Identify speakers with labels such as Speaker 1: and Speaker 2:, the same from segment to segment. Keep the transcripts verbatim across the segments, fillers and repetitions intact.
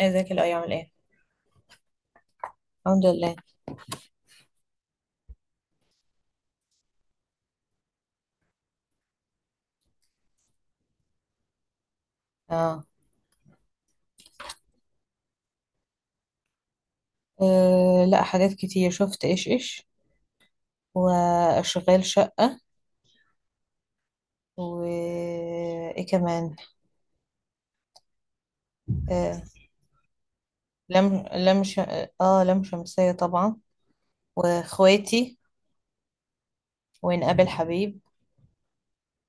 Speaker 1: ازيك؟ الاي عامل ايه؟ الحمد لله. اه. آه، لا، حاجات كتير شفت، ايش ايش، واشغال شقة، و ايه كمان؟ آه لم لم ش... اه لم شمسية طبعا. واخواتي، ونقابل حبيب،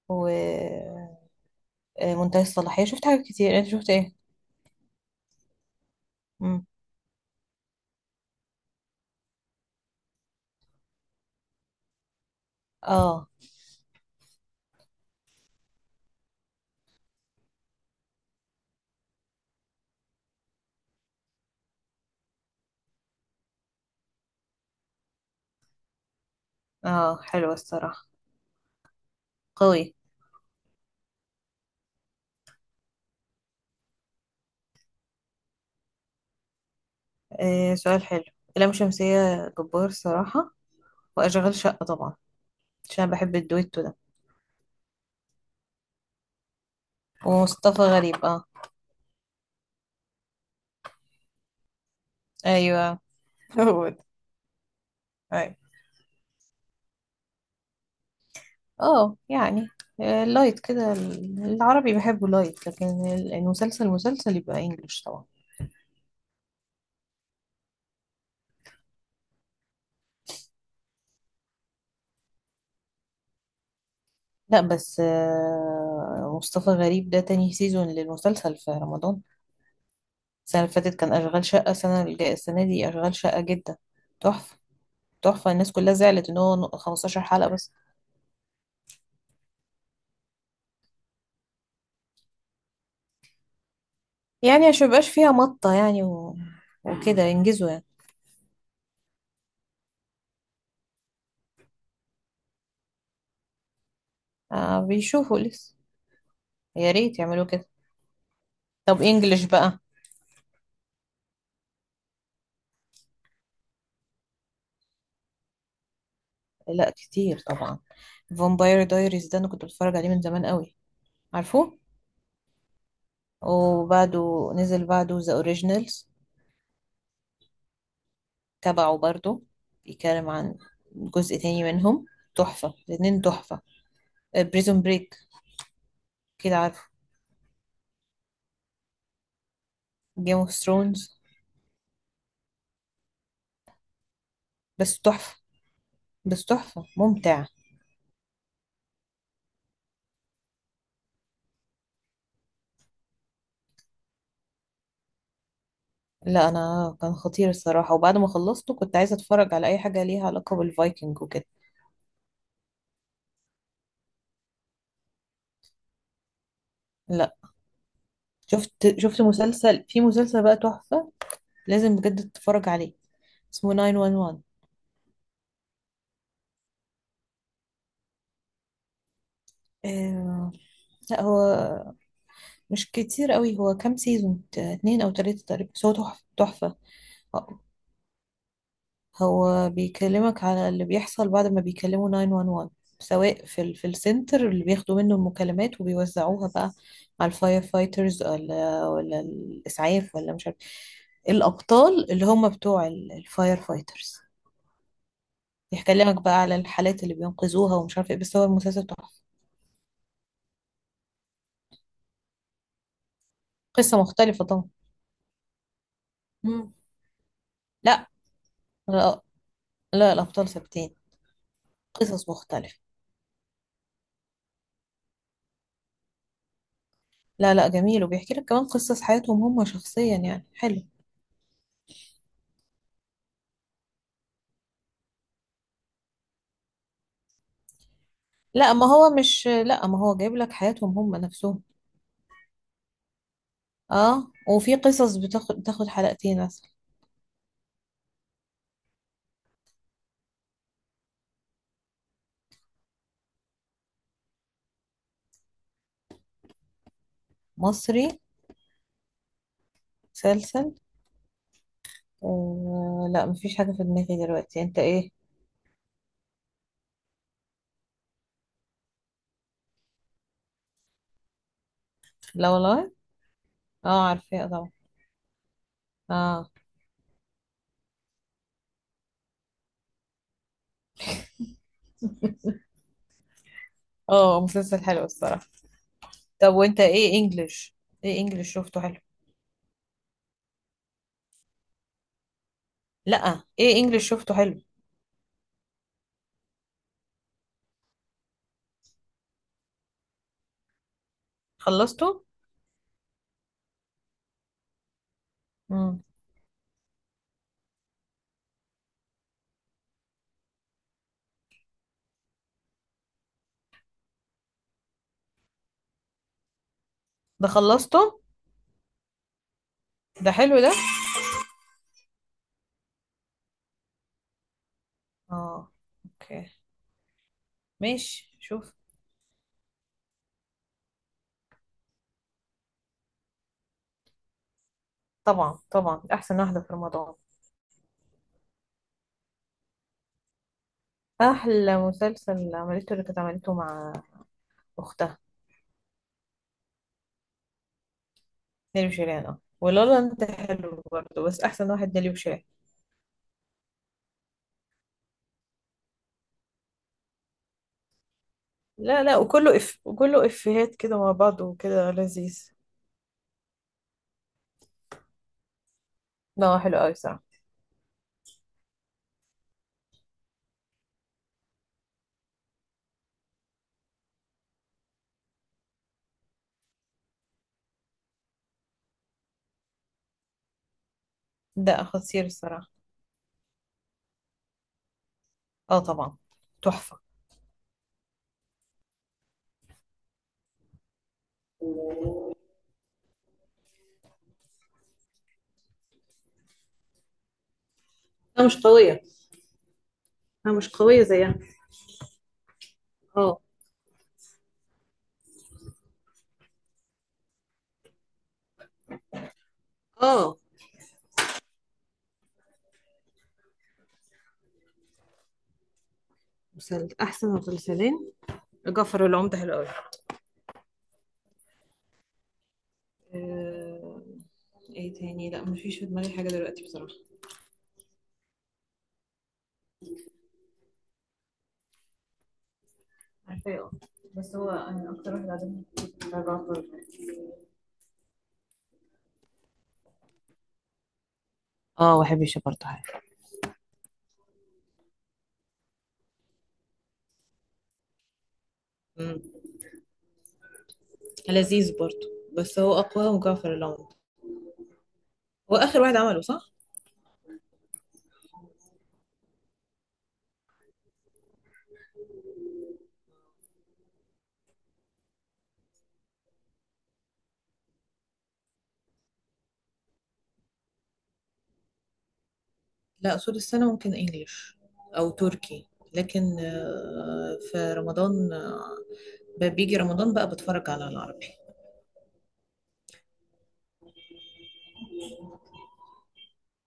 Speaker 1: ومنتهي الصلاحية. شفت حاجات كتير، انت شفت ايه؟ مم. اه. اه، حلوة الصراحة قوي. آه، سؤال حلو. لم شمسية جبار الصراحة. واشغال شقة طبعا، عشان بحب الدويتو ده. ومصطفى غريب، اه. ايوه، هو ده. أيوة. اه يعني، آه، لايت كده، ال- العربي بحبه لايت، لكن ال- المسلسل مسلسل يبقى انجلش طبعا. لا بس آه، مصطفى غريب ده تاني سيزون للمسلسل في رمضان. السنة اللي فاتت كان أشغال شقة، السنة اللي جاية السنة دي أشغال شقة جدا تحفة، تحفة. الناس كلها زعلت إن هو نق- خمستاشر حلقة بس، يعني عشان ميبقاش فيها مطة يعني، و... وكده ينجزوا يعني. آه، بيشوفوا لسه. يا ريت يعملوا كده. طب انجلش بقى. لا، كتير طبعا. فامباير دايريز ده انا كنت بتفرج عليه من زمان قوي، عارفه. وبعده نزل بعده ذا اوريجينالز تبعه برضه، بيتكلم عن جزء تاني منهم. تحفة الاتنين، تحفة. بريزون بريك، كده عارفه. جيم اوف ثرونز، بس تحفة، بس تحفة ممتع. لا، انا كان خطير الصراحة، وبعد ما خلصته كنت عايزة اتفرج على اي حاجة ليها علاقة بالفايكنج وكده. لا. شفت شفت مسلسل في مسلسل بقى تحفة، لازم بجد تتفرج عليه، اسمه تسعة واحد واحد. آه. لا، هو مش كتير قوي، هو كام سيزون، ت- اتنين او تلاتة تقريبا، بس هو تحفة تحفة. آه، هو بيكلمك على اللي بيحصل بعد ما بيكلموا تسعة واحد واحد، سواء في ال- في السنتر اللي بياخدوا منه المكالمات وبيوزعوها بقى على الفاير فايترز، ولا ولا الاسعاف، ولا مش عارف. الابطال اللي هم بتوع الفاير فايترز، يحكي لك بقى على الحالات اللي بينقذوها، ومش عارف ايه، بس هو المسلسل تحفة. قصة مختلفة. مم. لا، لا، لا، الأبطال ثابتين. قصص مختلفة. لا، لا، جميل، وبيحكي لك كمان قصص حياتهم هم شخصيا، يعني حلو. لا ما هو مش لا، ما هو جايب لك حياتهم هم نفسهم. اه، وفي قصص بتاخد بتاخد حلقتين مثلا. مصري، مسلسل، و... لا مفيش حاجة في دماغي دلوقتي، انت ايه؟ لا والله. اه، عارفاه آه، طبعا. اه. اه، مسلسل حلو الصراحة. طب وانت، ايه انجلش؟ ايه انجلش شفته حلو. لا، ايه انجلش شفته حلو. خلصته. امم. ده خلصته. ده حلو ده. اه. اوكي. ماشي، شوف. طبعا طبعا، احسن واحده في رمضان. احلى مسلسل عملته اللي كانت عملته مع اختها، نيلي وشيرين. اه، ولا لا انت، حلو برضه، بس احسن واحد نيلي وشيرين. لا لا، وكله اف، وكله افيهات كده مع بعض وكده لذيذ. لا، هو حلو قوي صراحه. ده خطير الصراحه. اه، طبعا. تحفه. انا مش قويه، انا مش قويه زيها. اه. اه، مسل- احسن مسلسلين. جعفر العمدة حلو قوي. آه، ايه تاني؟ لا، مفيش في دماغي حاجة دلوقتي بصراحة. عارفاه اه. بس هو، انا اكتر واحد عجبني الرعب. اه، بحب الشطة حاجة. مم. لذيذ برضو، بس هو أقوى مجعفر العمدة. هو آخر واحد عمله، صح؟ لا، أصول السنة ممكن إنجليش أو تركي، لكن آه، في رمضان، آه، ب- بيجي رمضان بقى بتفرج على العربي.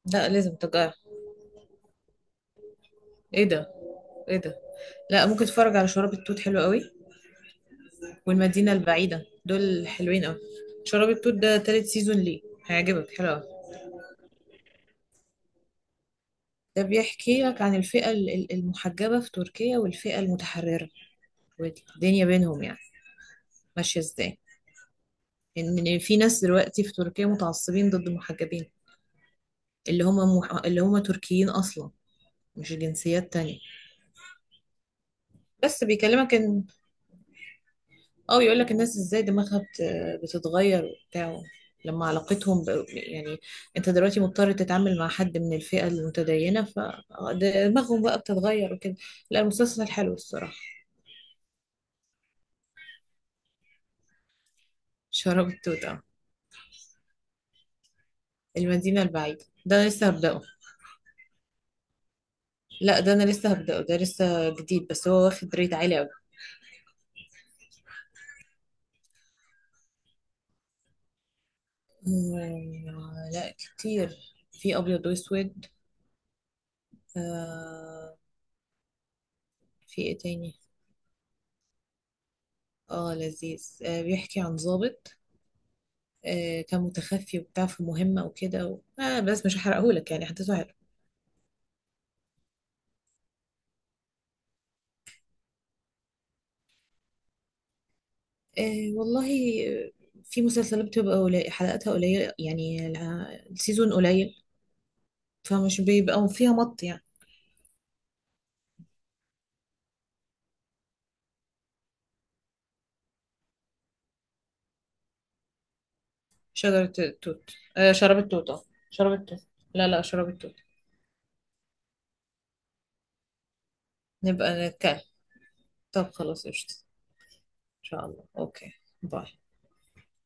Speaker 1: لا، لازم تجاه. ايه ده؟ ايه ده؟ لا، ممكن تتفرج على شراب التوت، حلو قوي، والمدينة البعيدة، دول حلوين أوي. شراب التوت ده تالت سيزون ليه، هيعجبك، حلو أوي. ده بيحكي لك عن الفئة ال- ال- المحجبة في تركيا، والفئة المتحررة، والدنيا بينهم يعني ماشية ازاي. إن في ناس دلوقتي في تركيا متعصبين ضد المحجبين، اللي هم مح... اللي هم تركيين أصلا، مش جنسيات تانية. بس بيكلمك إن، اه، يقول لك الناس ازاي دماغها بت- بتتغير وبتاع، لما علاقتهم ب... يعني، انت دلوقتي مضطر تتعامل مع حد من الفئة المتدينة، فدماغهم بقى بتتغير وكده. لا، المسلسل حلو الصراحة. شراب التوتة. المدينة البعيدة ده انا لسه هبدأه. لا، ده انا لسه هبدأه، ده لسه جديد، بس هو واخد ريت عالي قوي. لا، كتير، في ابيض واسود آه، في ايه تاني. اه لذيذ، آه، بيحكي عن ضابط آه، كان متخفي وبتاع في مهمة وكده، و... آه بس مش هحرقهولك يعني، حدثه حلو. آه والله. آه، في مسلسلات بتبقى قليل، حلقاتها قليلة يعني، الع- السيزون قليل، فمش بيبقى فيها مط يعني. شجرة التوت، آه شراب التوت، اه، شراب التوت، لا لا، شراب التوت. نبقى نتكلم. طب خلاص، قشطة. إن شاء الله، أوكي. باي.